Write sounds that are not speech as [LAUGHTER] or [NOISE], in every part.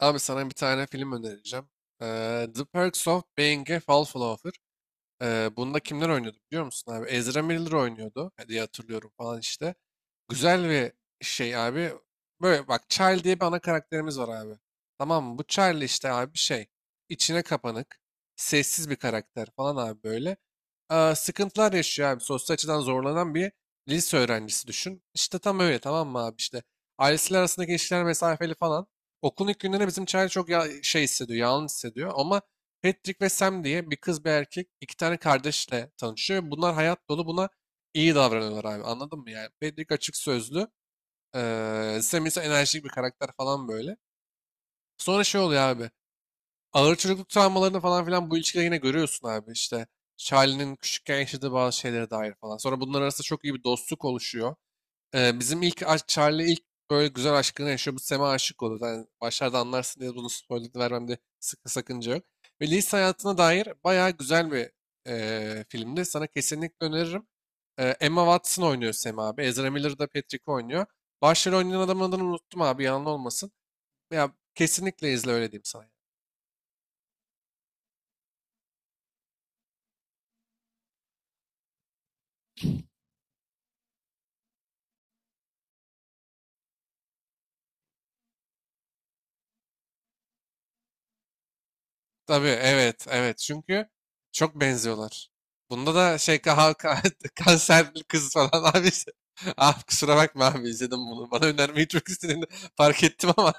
Abi sana bir tane film önereceğim. The Perks of Being a Wallflower. Bunda kimler oynuyordu biliyor musun abi? Ezra Miller oynuyordu diye hatırlıyorum falan işte. Güzel bir şey abi. Böyle bak, Charlie diye bir ana karakterimiz var abi. Tamam mı? Bu Charlie işte abi şey. İçine kapanık. Sessiz bir karakter falan abi böyle. Sıkıntılar yaşıyor abi. Sosyal açıdan zorlanan bir lise öğrencisi düşün. İşte tam öyle, tamam mı abi işte. Ailesiyle arasındaki ilişkiler mesafeli falan. Okulun ilk günlerinde bizim Charlie çok ya şey hissediyor. Yalnız hissediyor. Ama Patrick ve Sam diye bir kız bir erkek iki tane kardeşle tanışıyor ve bunlar hayat dolu, buna iyi davranıyorlar abi, anladın mı yani? Patrick açık sözlü. Sam ise enerjik bir karakter falan böyle. Sonra şey oluyor abi. Ağır çocukluk travmalarını falan filan bu ilişkide yine görüyorsun abi işte. Charlie'nin küçükken yaşadığı bazı şeylere dair falan. Sonra bunlar arasında çok iyi bir dostluk oluşuyor. Bizim Charlie ilk böyle güzel aşkını yaşıyor. Bu Sam'e aşık oluyor. Yani başlarda anlarsın diye bunu spoiler vermemde sıkı sakınca yok. Ve lise hayatına dair bayağı güzel bir filmdi. Sana kesinlikle öneririm. Emma Watson oynuyor Sam abi. Ezra Miller da Patrick oynuyor. Başrol oynayan adamın adını unuttum abi, yalan olmasın. Ya kesinlikle izle, öyle diyeyim sana. Yani. Tabii, evet, evet, çünkü çok benziyorlar. Bunda da şey [LAUGHS] kanserli kız falan [LAUGHS] abi. İşte. Ah, kusura bakma abi, izledim bunu. Bana önermeyi çok istediğini fark ettim ama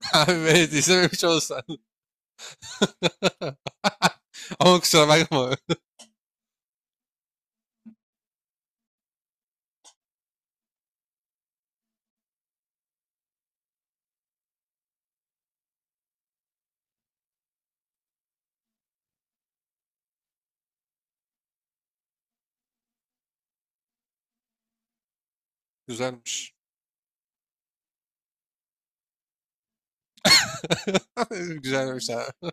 [LAUGHS] abi evet, izlememiş olsan. [LAUGHS] Ama kusura bakma. Güzelmiş. [LAUGHS] Güzelmiş abi.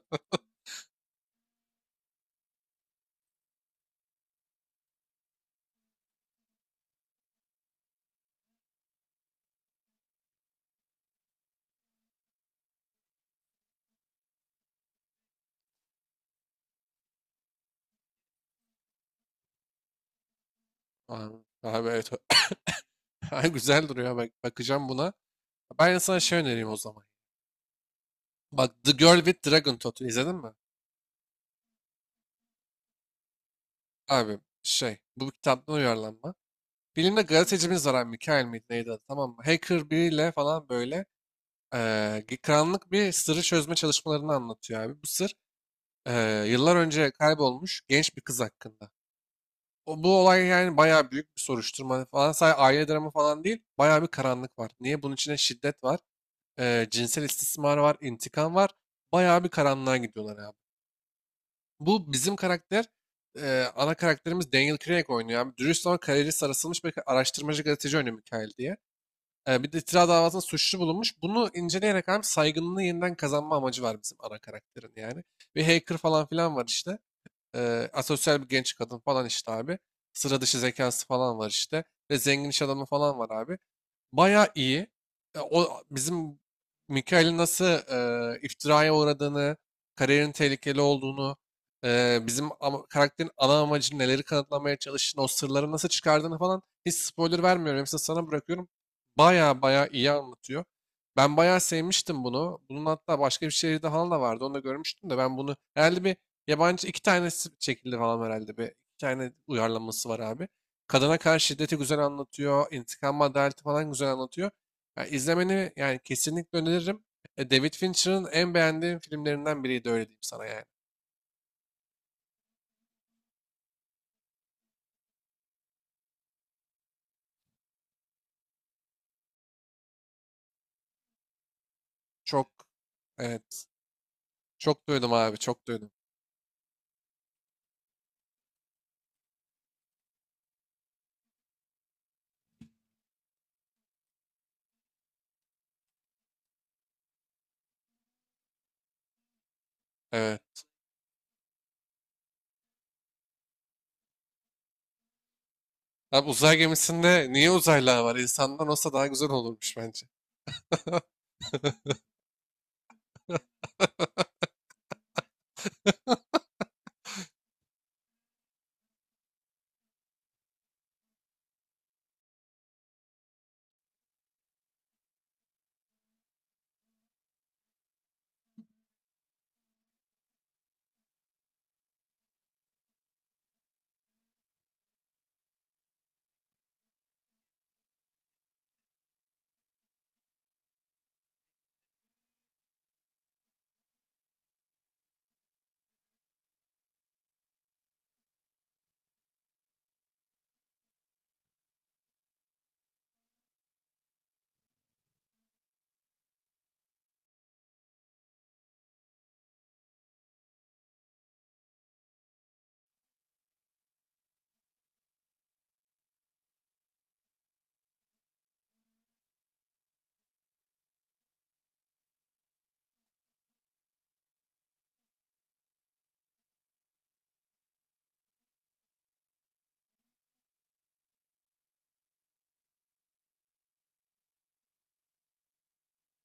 Abi, abi evet. [LAUGHS] Ay, güzel duruyor, bak, bakacağım buna. Ben sana şey önereyim o zaman. Bak, The Girl with Dragon Tattoo izledin mi? Abi şey, bu bir kitaptan uyarlanma. Filmde gazetecimiz var abi. Mikael miydi, neydi adı, tamam mı? Hacker biriyle falan böyle karanlık bir sırrı çözme çalışmalarını anlatıyor abi. Bu sır yıllar önce kaybolmuş genç bir kız hakkında. O, bu olay yani bayağı büyük bir soruşturma falan. Sadece aile dramı falan değil. Bayağı bir karanlık var. Niye? Bunun içinde şiddet var. Cinsel istismar var. İntikam var. Bayağı bir karanlığa gidiyorlar abi. Bu bizim karakter, ana karakterimiz, Daniel Craig oynuyor abi. Dürüst ama kariyeri sarasılmış bir araştırmacı gazeteci oynuyor, Mikael diye. Bir de itiraz davasında suçlu bulunmuş. Bunu inceleyerek abi saygınlığını yeniden kazanma amacı var bizim ana karakterin yani. Bir hacker falan filan var işte. Asosyal bir genç kadın falan işte abi. Sıra dışı zekası falan var işte. Ve zengin iş adamı falan var abi. Bayağı iyi. E, o bizim Mikael'in nasıl iftiraya uğradığını, kariyerin tehlikeli olduğunu, e, bizim karakterin ana amacını, neleri kanıtlamaya çalıştığını, o sırları nasıl çıkardığını falan, hiç spoiler vermiyorum. Hepsini sana bırakıyorum. Bayağı bayağı iyi anlatıyor. Ben bayağı sevmiştim bunu. Bunun hatta başka bir şehirde falan da vardı. Onu da görmüştüm de, ben bunu herhalde bir yabancı, iki tanesi çekildi falan herhalde. Bir iki tane uyarlaması var abi. Kadına karşı şiddeti güzel anlatıyor. İntikam ve adaleti falan güzel anlatıyor. Yani izlemeni yani kesinlikle öneririm. E, David Fincher'ın en beğendiğim filmlerinden biriydi, öyle diyeyim sana yani. Çok evet. Çok duydum abi, çok duydum. Evet. Abi, uzay gemisinde niye uzaylılar var? İnsandan olsa daha güzel olurmuş bence. [LAUGHS]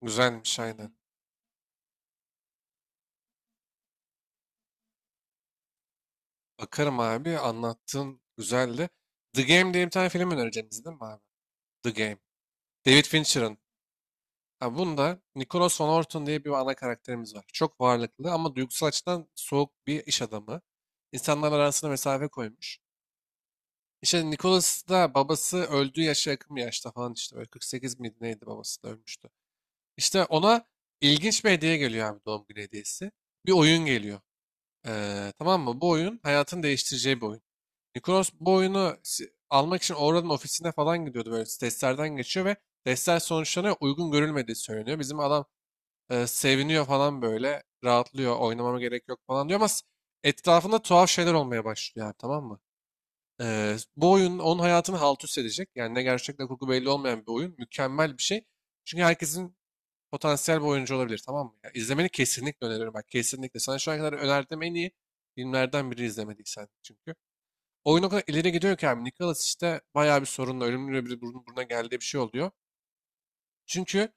Güzelmiş, aynen. Bakarım abi, anlattığın güzeldi. The Game diye bir tane film önereceğim, izledin mi abi? The Game. David Fincher'ın. Ha, bunda Nicholas Van Orton diye bir ana karakterimiz var. Çok varlıklı ama duygusal açıdan soğuk bir iş adamı. İnsanlar arasına mesafe koymuş. İşte Nicholas da babası öldüğü yaşa yakın bir yaşta falan işte böyle 48 miydi neydi, babası da ölmüştü. İşte ona ilginç bir hediye geliyor abi, doğum günü hediyesi. Bir oyun geliyor. Tamam mı? Bu oyun hayatını değiştireceği bir oyun. Nicholas bu oyunu almak için Oral'ın ofisine falan gidiyordu, böyle testlerden geçiyor ve testler sonuçlarına uygun görülmediği söyleniyor. Bizim adam seviniyor falan böyle. Rahatlıyor. Oynamama gerek yok falan diyor ama etrafında tuhaf şeyler olmaya başlıyor abi, tamam mı? E, bu oyun onun hayatını halt üst edecek. Yani ne gerçek ne kurgu belli olmayan bir oyun. Mükemmel bir şey. Çünkü herkesin potansiyel bir oyuncu olabilir, tamam mı? Ya, izlemeni kesinlikle öneriyorum. Bak kesinlikle. Sana şu ana kadar önerdiğim en iyi filmlerden biri, izlemediysen çünkü. Oyun o kadar ileri gidiyor ki abi. Nicholas işte bayağı bir sorunla, ölümlü bir burun buruna geldiği bir şey oluyor. Çünkü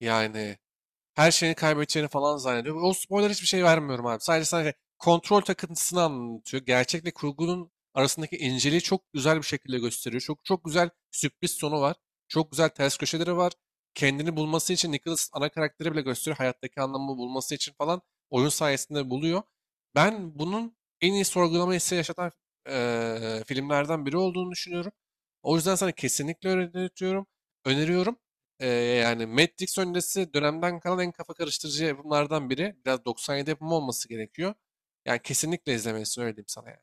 yani her şeyini kaybedeceğini falan zannediyor. O spoiler hiçbir şey vermiyorum abi. Sadece kontrol takıntısını anlatıyor. Gerçekle kurgunun arasındaki inceliği çok güzel bir şekilde gösteriyor. Çok çok güzel sürpriz sonu var. Çok güzel ters köşeleri var. Kendini bulması için Nicholas ana karakteri bile gösteriyor. Hayattaki anlamı bulması için falan oyun sayesinde buluyor. Ben bunun en iyi sorgulama hissi yaşatan filmlerden biri olduğunu düşünüyorum. O yüzden sana kesinlikle öneriyorum. Öneriyorum. Yani Matt Dix öncesi dönemden kalan en kafa karıştırıcı yapımlardan biri. Biraz 97 yapımı olması gerekiyor. Yani kesinlikle izlemelisin, öyle diyeyim sana yani.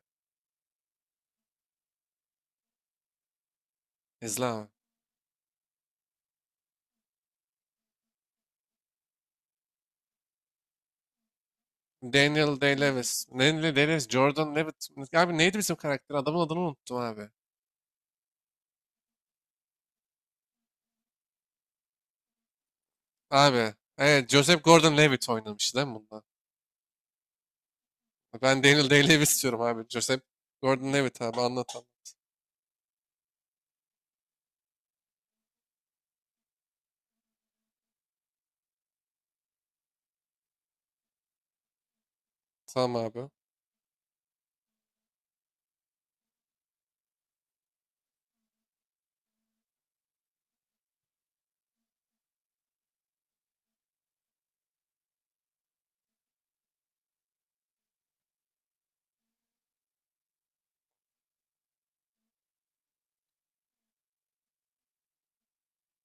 İzle abi. Daniel Day-Lewis. Daniel Day-Lewis, Jordan Levitt. Abi neydi bizim karakter? Adamın adını unuttum abi. Abi. Evet, Joseph Gordon-Levitt oynamıştı değil mi bunda? Ben Daniel Day-Lewis diyorum abi. Joseph Gordon-Levitt abi, anlat anlat. Tamam abi.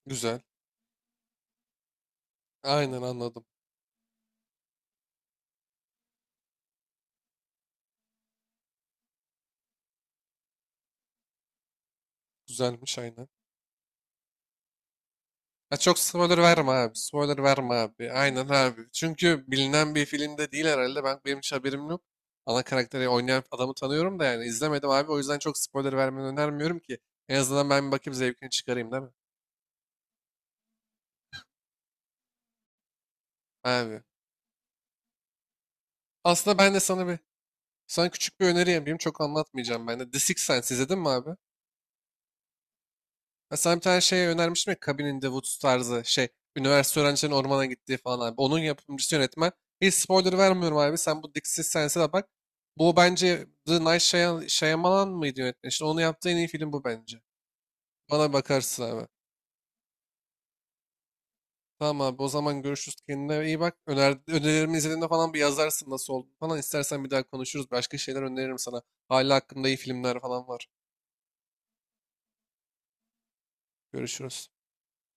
Güzel. Aynen, anladım. Güzelmiş, aynen. Ya çok spoiler verme abi. Spoiler verme abi. Aynen abi. Çünkü bilinen bir filmde değil herhalde. Ben, benim hiç haberim yok. Ana karakteri oynayan adamı tanıyorum da yani izlemedim abi. O yüzden çok spoiler vermeni önermiyorum ki. En azından ben bir bakayım, zevkini çıkarayım değil mi? Abi. Aslında ben de sana küçük bir öneri yapayım. Çok anlatmayacağım ben de. The Sixth Sense izledin mi abi? Ben sana bir tane şey önermiştim ya, Cabin in the Woods tarzı şey. Üniversite öğrencilerin ormana gittiği falan abi. Onun yapımcısı yönetmen. Hiç spoiler vermiyorum abi. Sen bu Dixie Sense'e de bak. Bu bence The Shyamalan mıydı yönetmen? İşte onu yaptığı en iyi film bu bence. Bana bakarsın abi. Tamam abi, o zaman görüşürüz. Kendine iyi bak. Önerilerimi izlediğinde falan bir yazarsın, nasıl oldu falan. İstersen bir daha konuşuruz. Başka şeyler öneririm sana. Hala hakkında iyi filmler falan var. Görüşürüz.